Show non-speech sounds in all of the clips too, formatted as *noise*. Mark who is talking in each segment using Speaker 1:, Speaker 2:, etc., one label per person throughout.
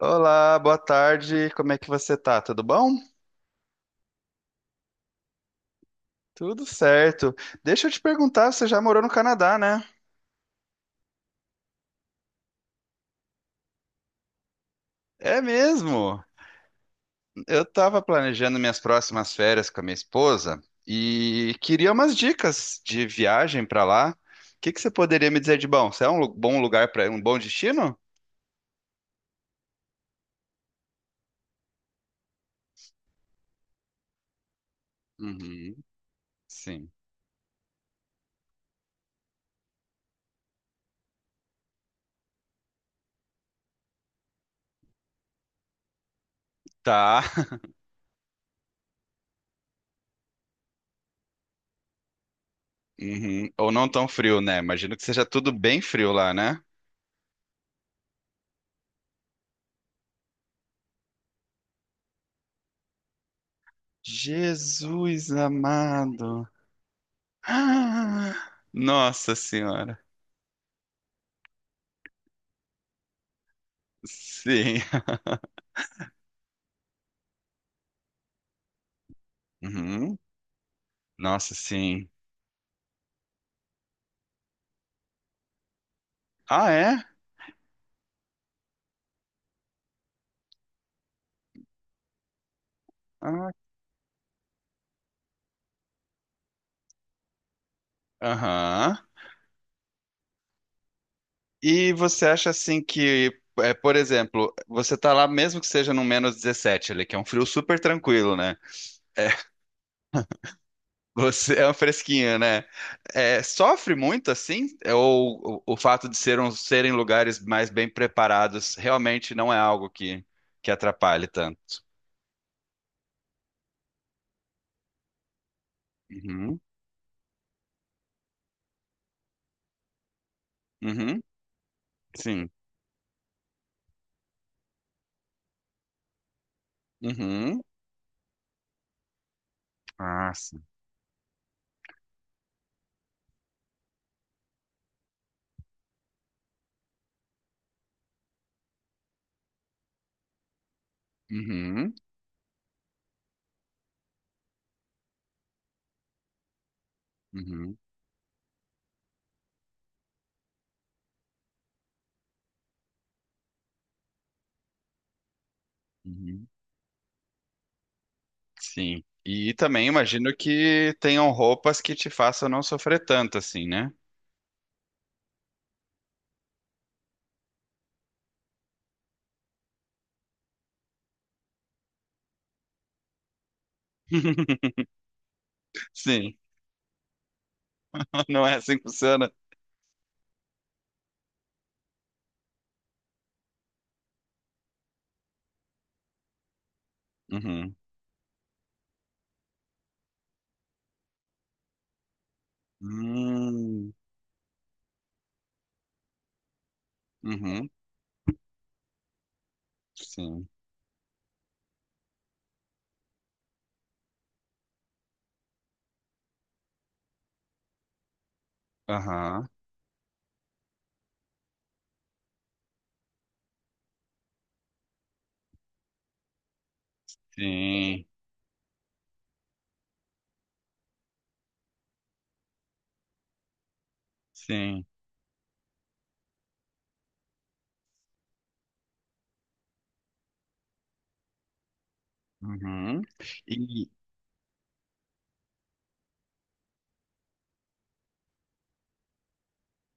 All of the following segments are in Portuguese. Speaker 1: Olá, boa tarde. Como é que você tá? Tudo bom? Tudo certo. Deixa eu te perguntar, você já morou no Canadá, né? É mesmo. Eu tava planejando minhas próximas férias com a minha esposa e queria umas dicas de viagem pra lá. O que que você poderia me dizer de bom? Você é um bom lugar para um bom destino? Uhum, sim. Tá. *laughs* Uhum. Ou não tão frio, né? Imagino que seja tudo bem frio lá, né? Jesus amado. Ah, Nossa senhora. Sim. Uhum. Nossa, sim. Ah, é? Ah, aham. E você acha assim que, por exemplo, você tá lá mesmo que seja no menos 17, ali, que é um frio super tranquilo, né? É, *laughs* você é um fresquinho, né? É, sofre muito assim? Ou o fato de ser serem lugares mais bem preparados realmente não é algo que atrapalhe tanto? Uhum. Uhum. Sim. Uhum. Ah, sim. Uhum, uhum, uhum. Sim. E também imagino que tenham roupas que te façam não sofrer tanto assim, né? *laughs* Sim, não é assim que funciona. Uhum. Hum, uhum, sim. Aham, sim, sim. Uhum. E,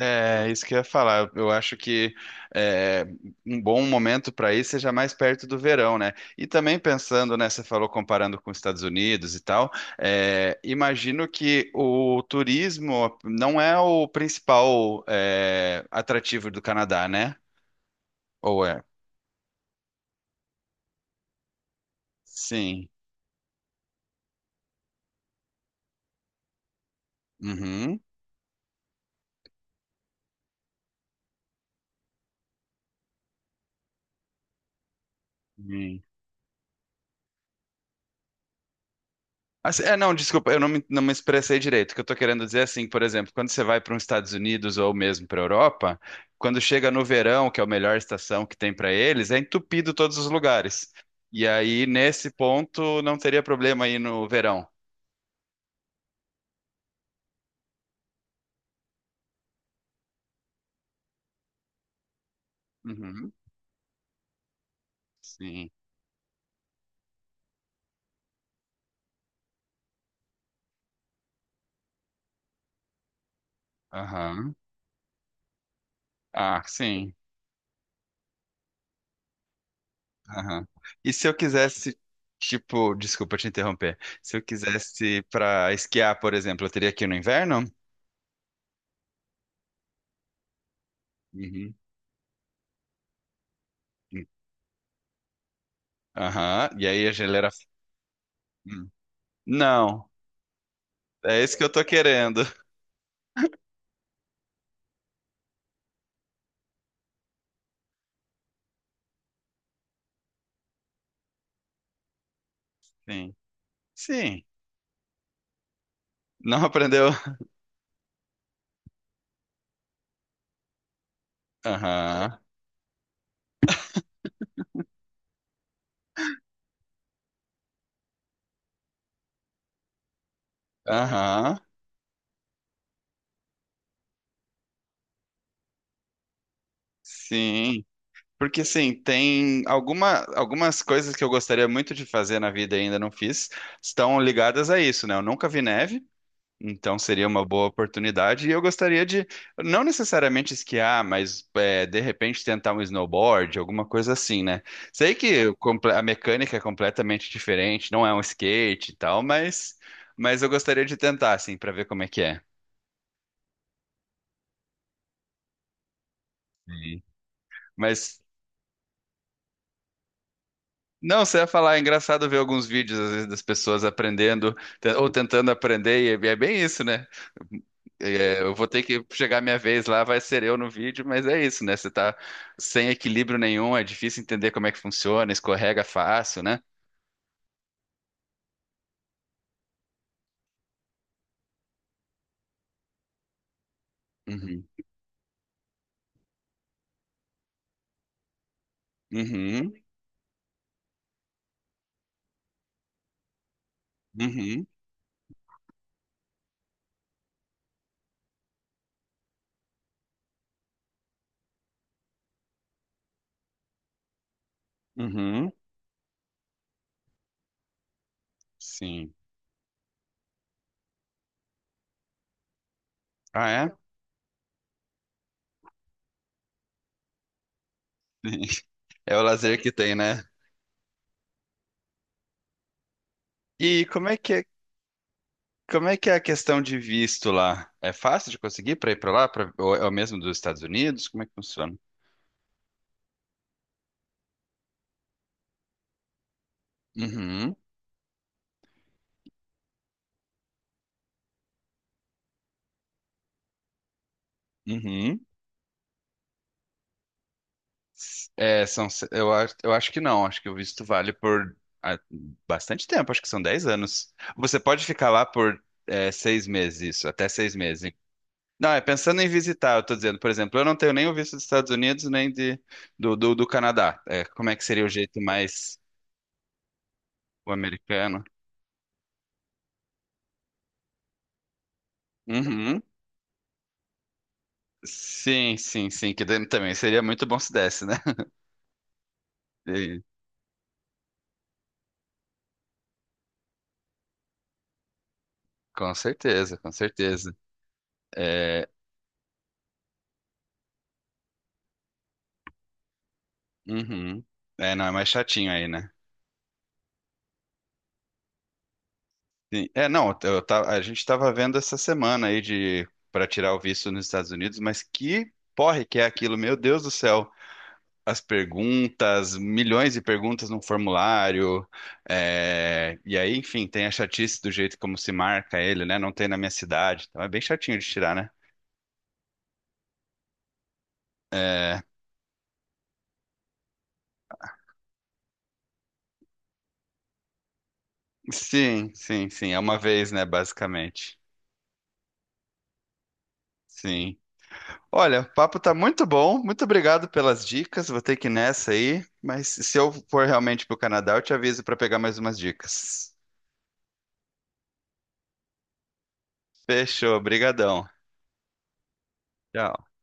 Speaker 1: é isso que eu ia falar. Eu acho que é, um bom momento para ir seja mais perto do verão, né? E também pensando, né? Você falou comparando com os Estados Unidos e tal. Imagino que o turismo não é o principal atrativo do Canadá, né? Ou é? Sim. Uhum. Assim, é, não, desculpa, eu não me expressei direito. O que eu tô querendo dizer é assim, por exemplo, quando você vai para os Estados Unidos ou mesmo para a Europa, quando chega no verão, que é a melhor estação que tem para eles, é entupido todos os lugares. E aí, nesse ponto, não teria problema aí no verão. Uhum, sim. Aham. Ah, sim. Aham. E se eu quisesse, tipo, desculpa te interromper. Se eu quisesse para esquiar, por exemplo, eu teria que ir no inverno? Uhum. Aham. E aí a geleira. Hum. Não, é isso que eu tô querendo. Sim. Sim. Não aprendeu? Aham. Aham. Sim. Porque assim, tem alguma, algumas coisas que eu gostaria muito de fazer na vida e ainda não fiz, estão ligadas a isso, né? Eu nunca vi neve. Então seria uma boa oportunidade e eu gostaria de, não necessariamente esquiar, mas é, de repente tentar um snowboard, alguma coisa assim, né? Sei que o a mecânica é completamente diferente, não é um skate e tal, mas eu gostaria de tentar, assim, para ver como é que é. Sim. Mas não, você ia falar, é engraçado ver alguns vídeos às vezes das pessoas aprendendo ou tentando aprender e é bem isso, né? É, eu vou ter que chegar minha vez lá, vai ser eu no vídeo, mas é isso, né? Você tá sem equilíbrio nenhum, é difícil entender como é que funciona, escorrega fácil, né? Uhum. Uhum. Uhum. Uhum. Sim. Ah, é? *laughs* É o lazer que tem, né? E como é que é, como é que é a questão de visto lá? É fácil de conseguir para ir para lá, ou é o mesmo dos Estados Unidos? Como é que funciona? Uhum. Uhum. É, são, eu acho que não, acho que o visto vale por ah, bastante tempo, acho que são 10 anos. Você pode ficar lá por é, 6 meses, isso, até 6 meses. Não, é pensando em visitar, eu tô dizendo, por exemplo, eu não tenho nem o visto dos Estados Unidos, nem de, do Canadá. É, como é que seria o jeito mais o americano? Uhum. Sim, sim, sim, que daí também seria muito bom se desse, né? *laughs* E- com certeza, com certeza. É, uhum. É, não, é mais chatinho aí, né? Sim. É, não, eu a gente estava vendo essa semana aí de para tirar o visto nos Estados Unidos, mas que porre que é aquilo, meu Deus do céu. As perguntas, milhões de perguntas no formulário, é, e aí, enfim, tem a chatice do jeito como se marca ele, né? Não tem na minha cidade, então é bem chatinho de tirar, né? É, sim, sim, sim, é uma vez, né, basicamente. Sim. Olha, o papo tá muito bom. Muito obrigado pelas dicas. Vou ter que ir nessa aí, mas se eu for realmente pro Canadá, eu te aviso para pegar mais umas dicas. Fechou, brigadão. Tchau.